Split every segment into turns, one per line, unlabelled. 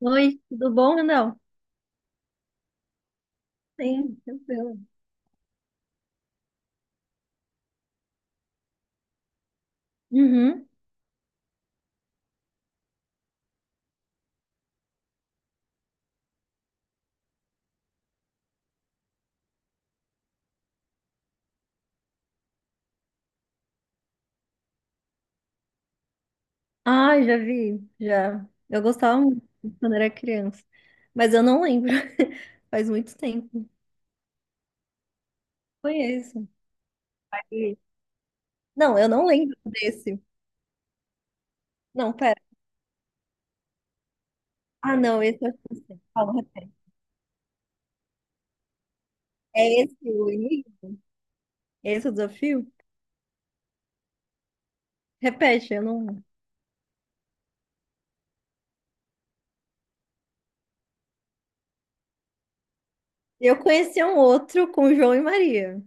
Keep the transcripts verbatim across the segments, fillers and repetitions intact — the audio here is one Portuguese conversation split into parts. Oi, tudo bom, Randall? Sim, tranquilo. Uhum. Ah, já vi, já. Eu gostava muito quando era criança, mas eu não lembro. Faz muito tempo. Conheço. Aí- Não, eu não lembro desse. Não, pera. Ah, não, esse eu acho que eu sei. Fala, repete. É esse o início? Esse é o desafio? Repete, eu não. Eu conheci um outro com João e Maria.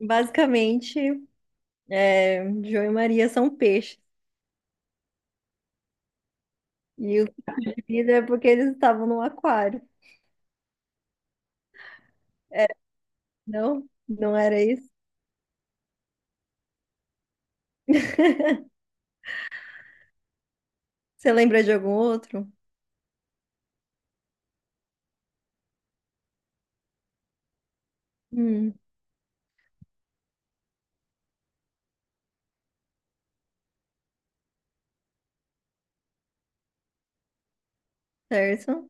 Basicamente, é, João e Maria são peixes. E o de é porque eles estavam no aquário. É, Não? Não era isso? Você lembra de algum outro? Hum, certo.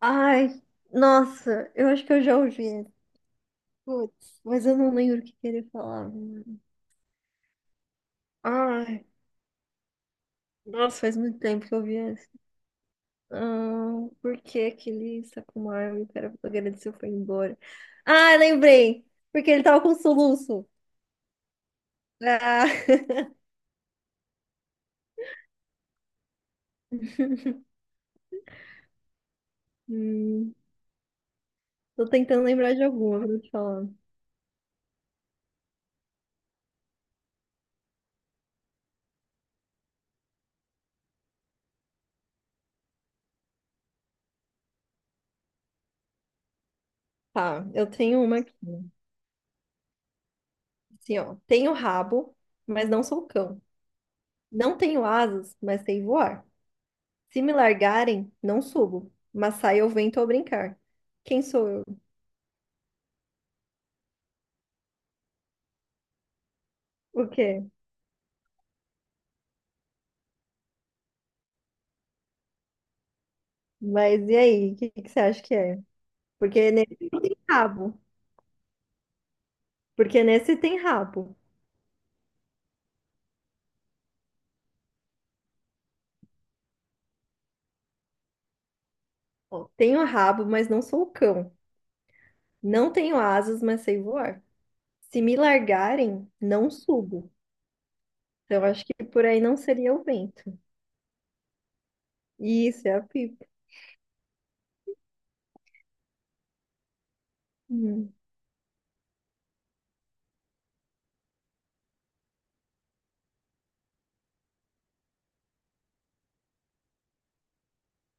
Ai, nossa, eu acho que eu já ouvi. Putz, mas eu não lembro o que que ele falava. Ai, nossa, faz muito tempo que eu vi esse. Ah, por que aquele Sakumaru, o cara agradeceu, foi embora? Ah, lembrei! Porque ele tava com um soluço. Ah. Hum, Tô tentando lembrar de alguma, vou te falar. Tá, eu tenho uma aqui. Assim, ó, tenho rabo, mas não sou cão. Não tenho asas, mas sei voar. Se me largarem, não subo, mas sai ao vento ao brincar. Quem sou eu? O quê? Mas e aí, o que que você acha que é? Porque nesse não tem rabo. Porque nesse tem rabo. Ó, Tenho rabo, mas não sou cão. Não tenho asas, mas sei voar. Se me largarem, não subo. Então acho que por aí não seria o vento. Isso, é a pipa. Hum.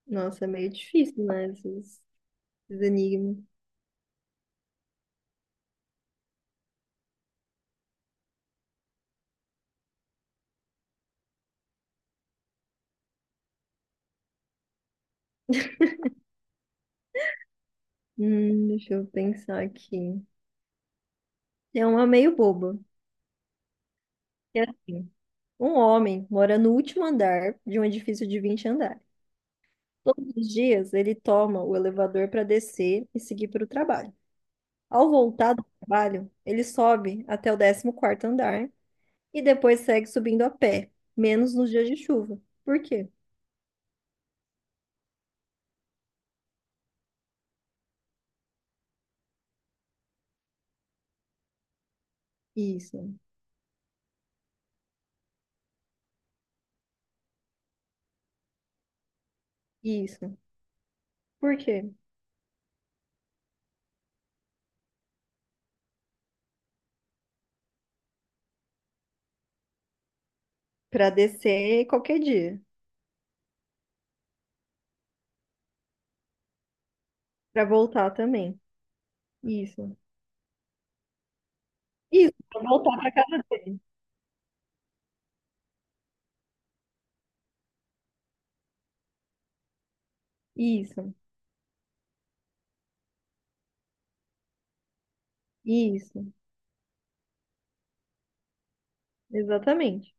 Nossa, é meio difícil, né? Esses, esses enigmas. Hum, deixa eu pensar aqui. É uma meio boba. É assim, um homem mora no último andar de um edifício de vinte andares. Todos os dias ele toma o elevador para descer e seguir para o trabalho. Ao voltar do trabalho, ele sobe até o décimo quarto andar e depois segue subindo a pé, menos nos dias de chuva. Por quê? Isso, isso. Por quê? Para descer qualquer dia, para voltar também. Isso. Isso, para voltar para casa dele. Isso. Isso, exatamente.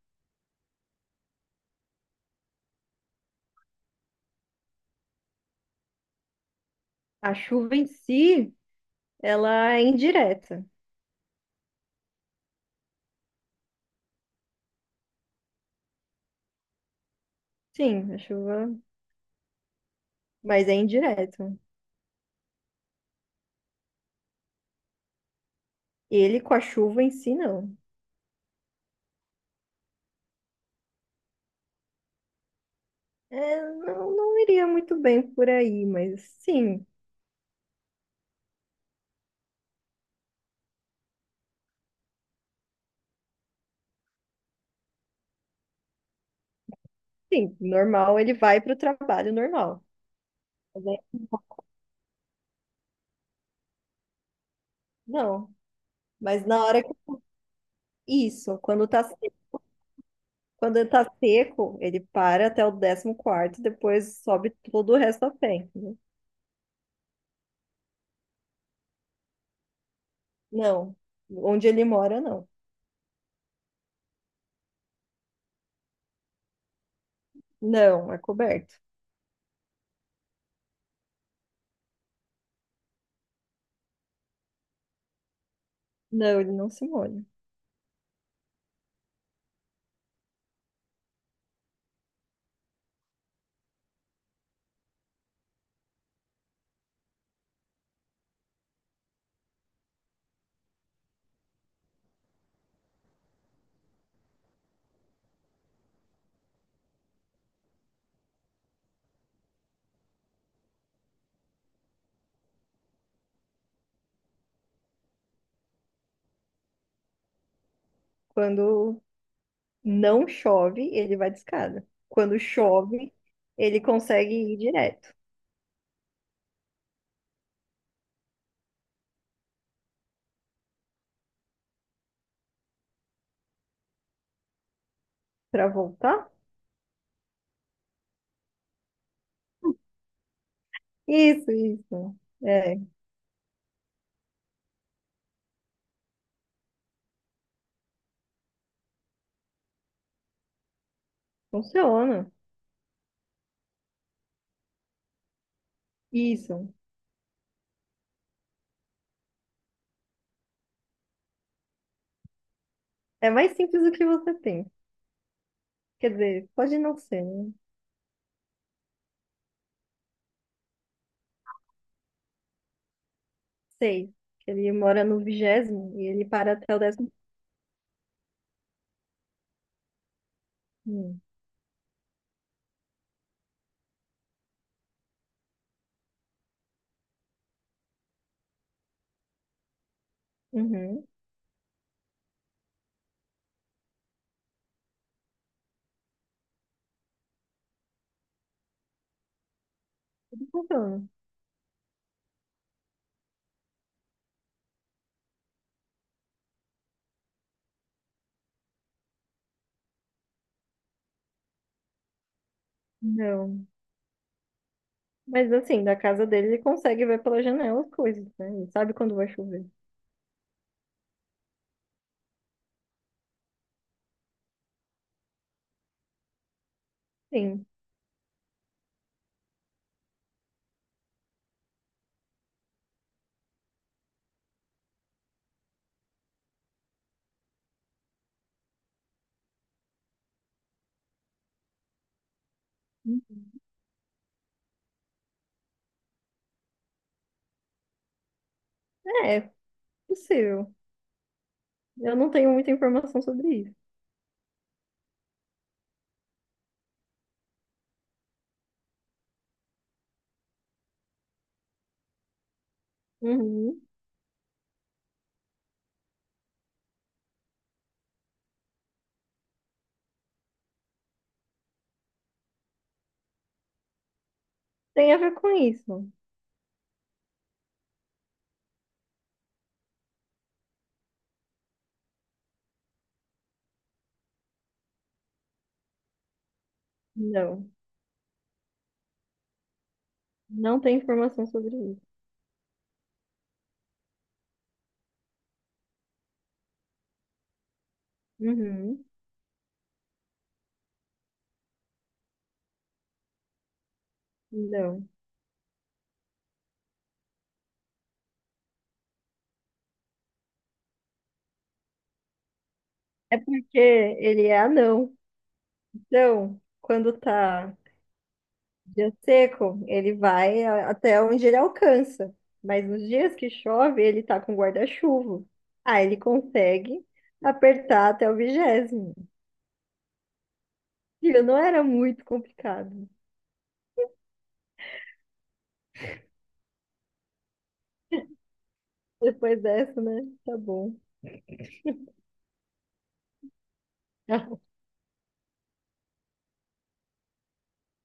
A chuva em si, ela é indireta. Sim, a chuva, mas é indireta. Ele com a chuva em si, não. É, não, não iria muito bem por aí, mas sim, sim, normal, ele vai para o trabalho normal. Mas é- Não, mas na hora que... Isso, quando tá seco, quando tá seco, ele para até o décimo quarto, depois sobe todo o resto a pé, entendeu? Não, onde ele mora, não. Não, é coberto. Não, ele não se molha. Quando não chove, ele vai de escada. Quando chove, ele consegue ir direto para voltar. Isso, isso. É, funciona. Isso. É mais simples do que você tem. Quer dizer, pode não ser, né? Sei. Ele mora no vigésimo e ele para até o décimo. Hum. Uhum. Funciona. Não. Mas assim, da casa dele, ele consegue ver pela janela as coisas, né? Ele sabe quando vai chover. Sim. É, possível. Eu não tenho muita informação sobre isso. Uhum. Tem a ver com isso? Não. Não tem informação sobre isso. Uhum. Não. É porque ele é anão. Então, quando tá dia seco, ele vai a- até onde ele alcança. Mas nos dias que chove, ele tá com guarda-chuva. Aí ele consegue apertar até o vigésimo. Filho, não era muito complicado. Depois dessa, né? Tá bom.